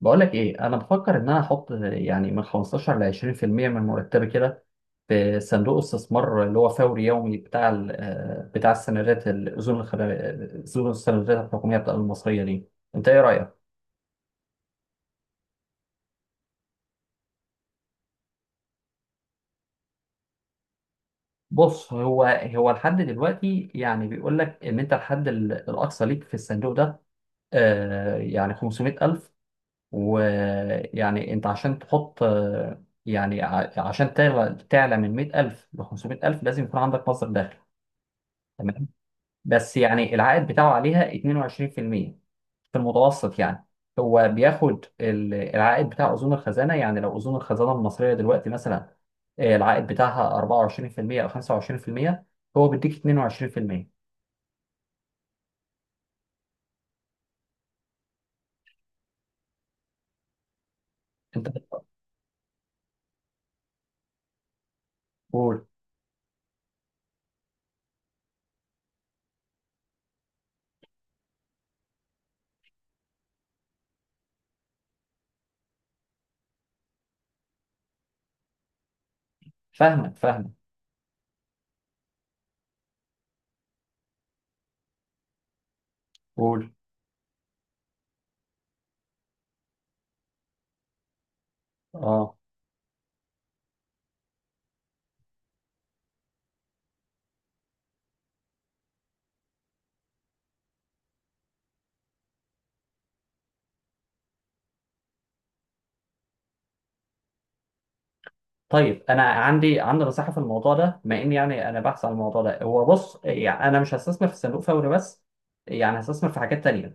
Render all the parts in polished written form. بقول لك ايه، انا بفكر ان انا احط يعني من 15 ل 20% من مرتبي كده في صندوق استثمار اللي هو فوري يومي بتاع بتاع السندات الاذون اذون السندات الحكوميه بتاع المصريه دي. انت ايه رايك؟ بص، هو لحد دلوقتي يعني بيقول لك ان انت الحد الاقصى ليك في الصندوق ده يعني 500000، ويعني انت عشان تحط يعني عشان تعلى من 100000 ل 500000 لازم يكون عندك مصدر دخل. بس يعني العائد بتاعه عليها 22% في المية في المتوسط يعني. هو بياخد العائد بتاع أذون الخزانة، يعني لو أذون الخزانة المصرية دلوقتي مثلا العائد بتاعها 24% أو 25%، هو بيديك 22%. أنت قول. فاهمك فاهمك. قول. اه، طيب، انا عندي نصيحه في الموضوع ده، بما اني يعني انا بحث عن الموضوع ده. هو بص، يعني انا مش هستثمر في الصندوق فوري بس، يعني هستثمر في حاجات تانية.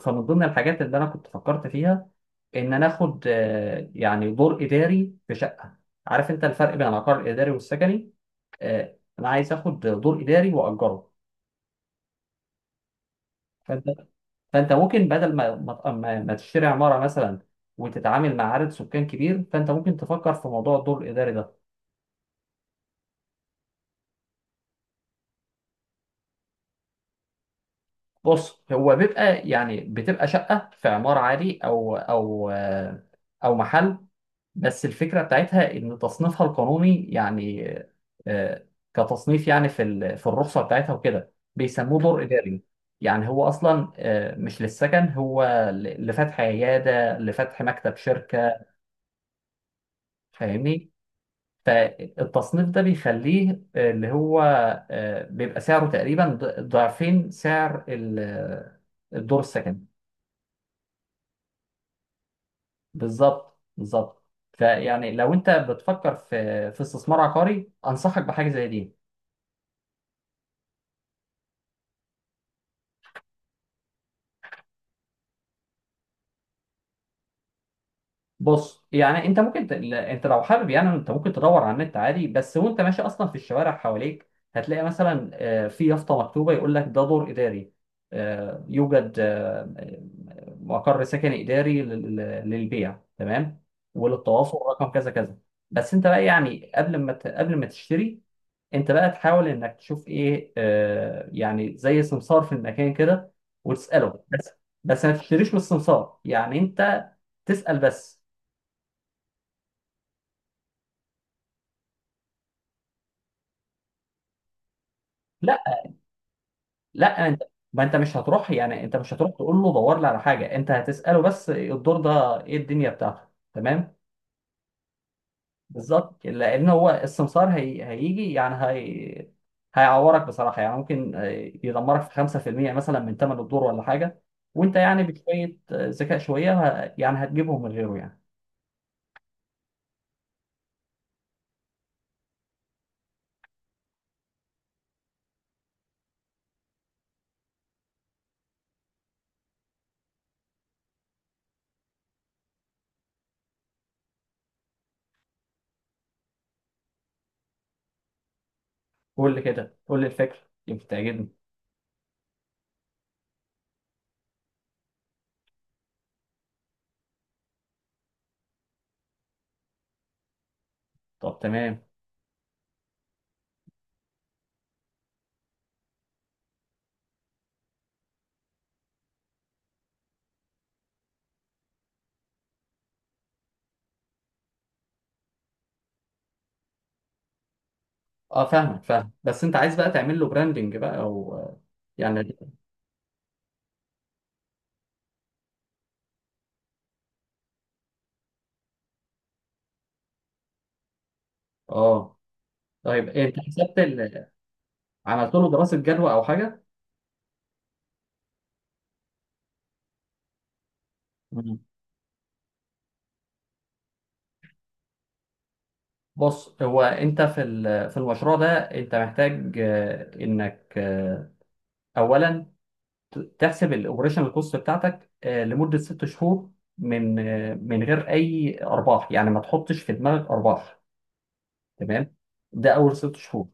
فمن ضمن الحاجات اللي انا كنت فكرت فيها ان انا اخد يعني دور اداري في شقه. عارف انت الفرق بين العقار الاداري والسكني؟ انا عايز اخد دور اداري واجره. فانت فانت ممكن بدل ما تشتري عماره مثلا وتتعامل مع عدد سكان كبير، فانت ممكن تفكر في موضوع الدور الاداري ده. بص، هو بيبقى يعني بتبقى شقه في عماره عادي او او محل، بس الفكرة بتاعتها إن تصنيفها القانوني يعني آه، كتصنيف، يعني في في الرخصة بتاعتها وكده، بيسموه دور إداري. يعني هو أصلا مش للسكن، هو لفتح عيادة، لفتح مكتب شركة. فاهمني؟ فالتصنيف ده بيخليه آه، اللي هو آه، بيبقى سعره تقريبا ضعفين سعر الدور السكني. بالظبط بالظبط. فيعني لو انت بتفكر في استثمار عقاري انصحك بحاجه زي دي. بص، يعني انت ممكن انت لو حابب، يعني انت ممكن تدور على النت عادي، بس وانت ماشي اصلا في الشوارع حواليك هتلاقي مثلا في يافطه مكتوبه يقول لك ده دور اداري، آه، يوجد آه، مقر سكني اداري للبيع، تمام، وللتواصل رقم كذا كذا. بس انت بقى، يعني قبل ما تشتري انت بقى تحاول انك تشوف ايه يعني زي سمسار في المكان كده، وتساله بس. بس ما تشتريش من السمسار، يعني انت تسأل بس. لا، لا، انت، ما انت مش هتروح، يعني انت مش هتروح تقول له دور لي على حاجه، انت هتساله بس الدور ده ايه الدنيا بتاعته، تمام. بالظبط، لان هو السمسار هيجي يعني هيعورك بصراحه، يعني ممكن يدمرك في 5% مثلا من ثمن الدور ولا حاجه، وانت يعني بشويه ذكاء شويه يعني هتجيبهم من غيره يعني. قول لي كده، قول لي الفكره يمكن تعجبني. طب تمام. اه، فاهمك، فاهم، بس انت عايز بقى تعمل له براندنج بقى او يعني. اه، طيب، انت حسبت عملت له دراسة جدوى أو حاجة؟ مم. بص، هو أنت في في المشروع ده أنت محتاج آه، إنك آه، أولا تحسب الأوبريشنال كوست بتاعتك لمدة 6 شهور، من غير أي أرباح، يعني ما تحطش في دماغك أرباح، تمام. ده أول 6 شهور.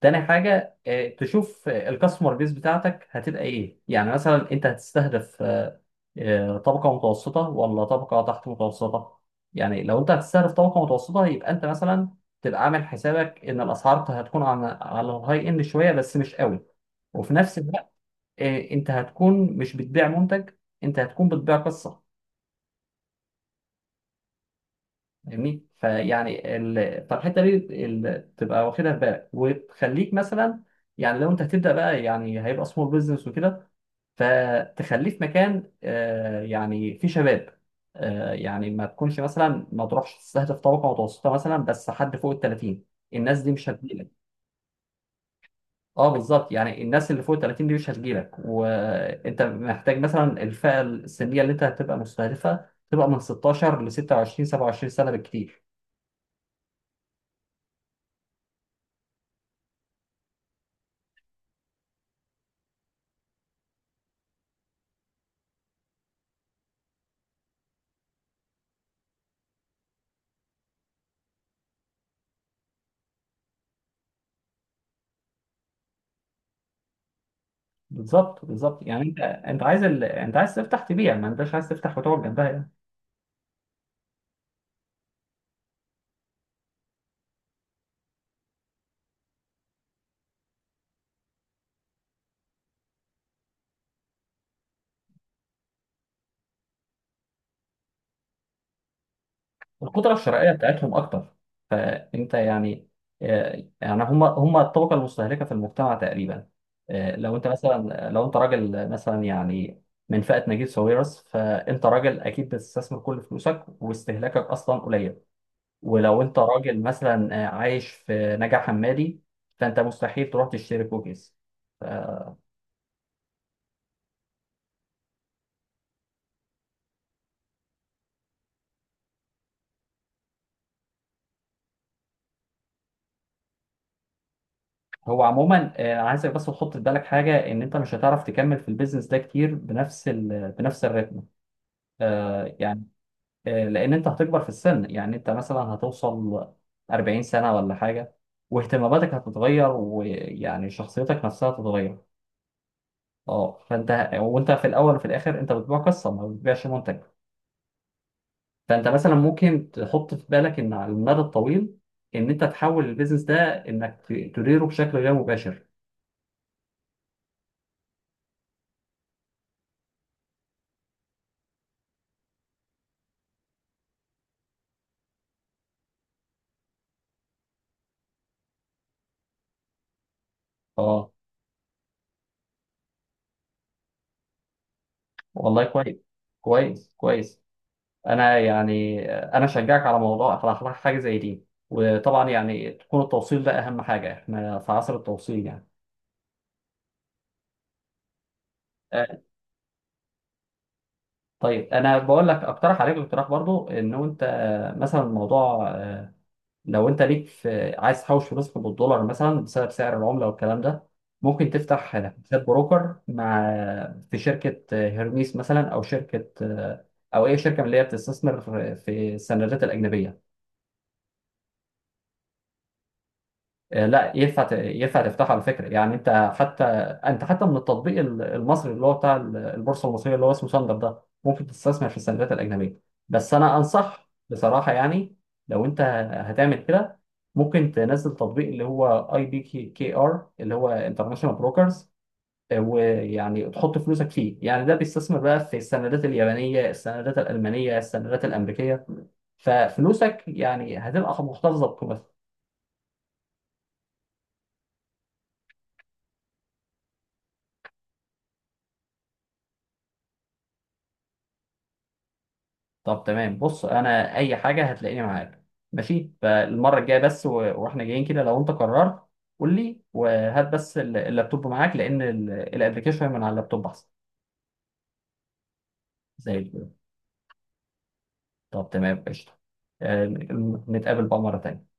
تاني حاجة تشوف الكاستمر بيس بتاعتك هتبقى إيه، يعني مثلا أنت هتستهدف طبقة متوسطة ولا طبقة تحت متوسطة. يعني لو انت هتستهدف طبقة متوسطة يبقى انت مثلا تبقى عامل حسابك ان الاسعار هتكون على الهاي اند شوية، بس مش قوي. وفي نفس الوقت انت هتكون مش بتبيع منتج، انت هتكون بتبيع قصة. فاهمني؟ فيعني فالحتة دي تبقى واخدها في بالك وتخليك مثلا. يعني لو انت هتبدأ بقى يعني هيبقى سمول بزنس وكده، فتخليه في مكان يعني فيه شباب، يعني ما تكونش مثلا ما تروحش تستهدف طبقه متوسطه مثلا بس حد فوق ال 30، الناس دي مش هتجيلك. اه، بالظبط، يعني الناس اللي فوق ال 30 دي مش هتجيلك، وانت محتاج مثلا الفئه السنيه اللي انت هتبقى مستهدفها تبقى من 16 ل 26 27 سنه بالكتير. بالظبط بالظبط، يعني انت عايز انت عايز تفتح تبيع، ما انتش عايز تفتح وتقعد جنبها. القدرة الشرائية بتاعتهم أكتر، فأنت يعني يعني هم هم الطبقة المستهلكة في المجتمع تقريبا. لو أنت راجل مثلا، يعني من فئة نجيب ساويرس، فأنت راجل أكيد بتستثمر كل فلوسك واستهلاكك أصلا قليل. ولو أنت راجل مثلا عايش في نجع حمادي فأنت مستحيل تروح تشتري كوكيز. هو عموما عايزك بس تحط في بالك حاجة إن أنت مش هتعرف تكمل في البيزنس ده كتير بنفس بنفس الريتم، آه، لان انت هتكبر في السن، يعني انت مثلا هتوصل 40 سنة ولا حاجة واهتماماتك هتتغير، ويعني شخصيتك نفسها هتتغير. اه، فانت وانت في الاول وفي الاخر انت بتبيع قصة، ما بتبيعش منتج. فانت مثلا ممكن تحط في بالك ان على المدى الطويل، ان انت تحول البيزنس ده انك تديره بشكل غير مباشر. اه، والله كويس. كويس كويس. انا يعني انا اشجعك على موضوع، على حاجه زي دي، وطبعا يعني تكون التوصيل ده اهم حاجه، احنا في عصر التوصيل يعني. آه، طيب، انا بقول لك اقترح عليك اقتراح برضو انه انت مثلا الموضوع لو انت ليك في، عايز تحوش فلوسك بالدولار مثلا بسبب سعر العمله والكلام ده، ممكن تفتح حساب بروكر مع، في شركه هيرميس مثلا او اي شركه من اللي هي بتستثمر في السندات الاجنبيه. لا، ينفع تفتحه على فكره، يعني انت حتى من التطبيق المصري اللي هو بتاع البورصه المصريه اللي هو اسمه ساندر ده، ممكن تستثمر في السندات الاجنبيه. بس انا انصح بصراحه، يعني لو انت هتعمل كده ممكن تنزل تطبيق اللي هو IBKR، اللي هو انترناشونال بروكرز، ويعني تحط فلوسك فيه، يعني ده بيستثمر بقى في السندات اليابانيه، السندات الالمانيه، السندات الامريكيه، ففلوسك يعني هتبقى محتفظه بقيمتها. طب تمام، بص انا اي حاجه هتلاقيني معاك، ماشي. فالمره الجايه بس واحنا جايين كده لو انت قررت قول لي، وهات بس اللابتوب معاك لان الابلكيشن من على اللابتوب احسن. زي الفل. طب تمام، قشطه. آه، نتقابل بقى مره تانيه.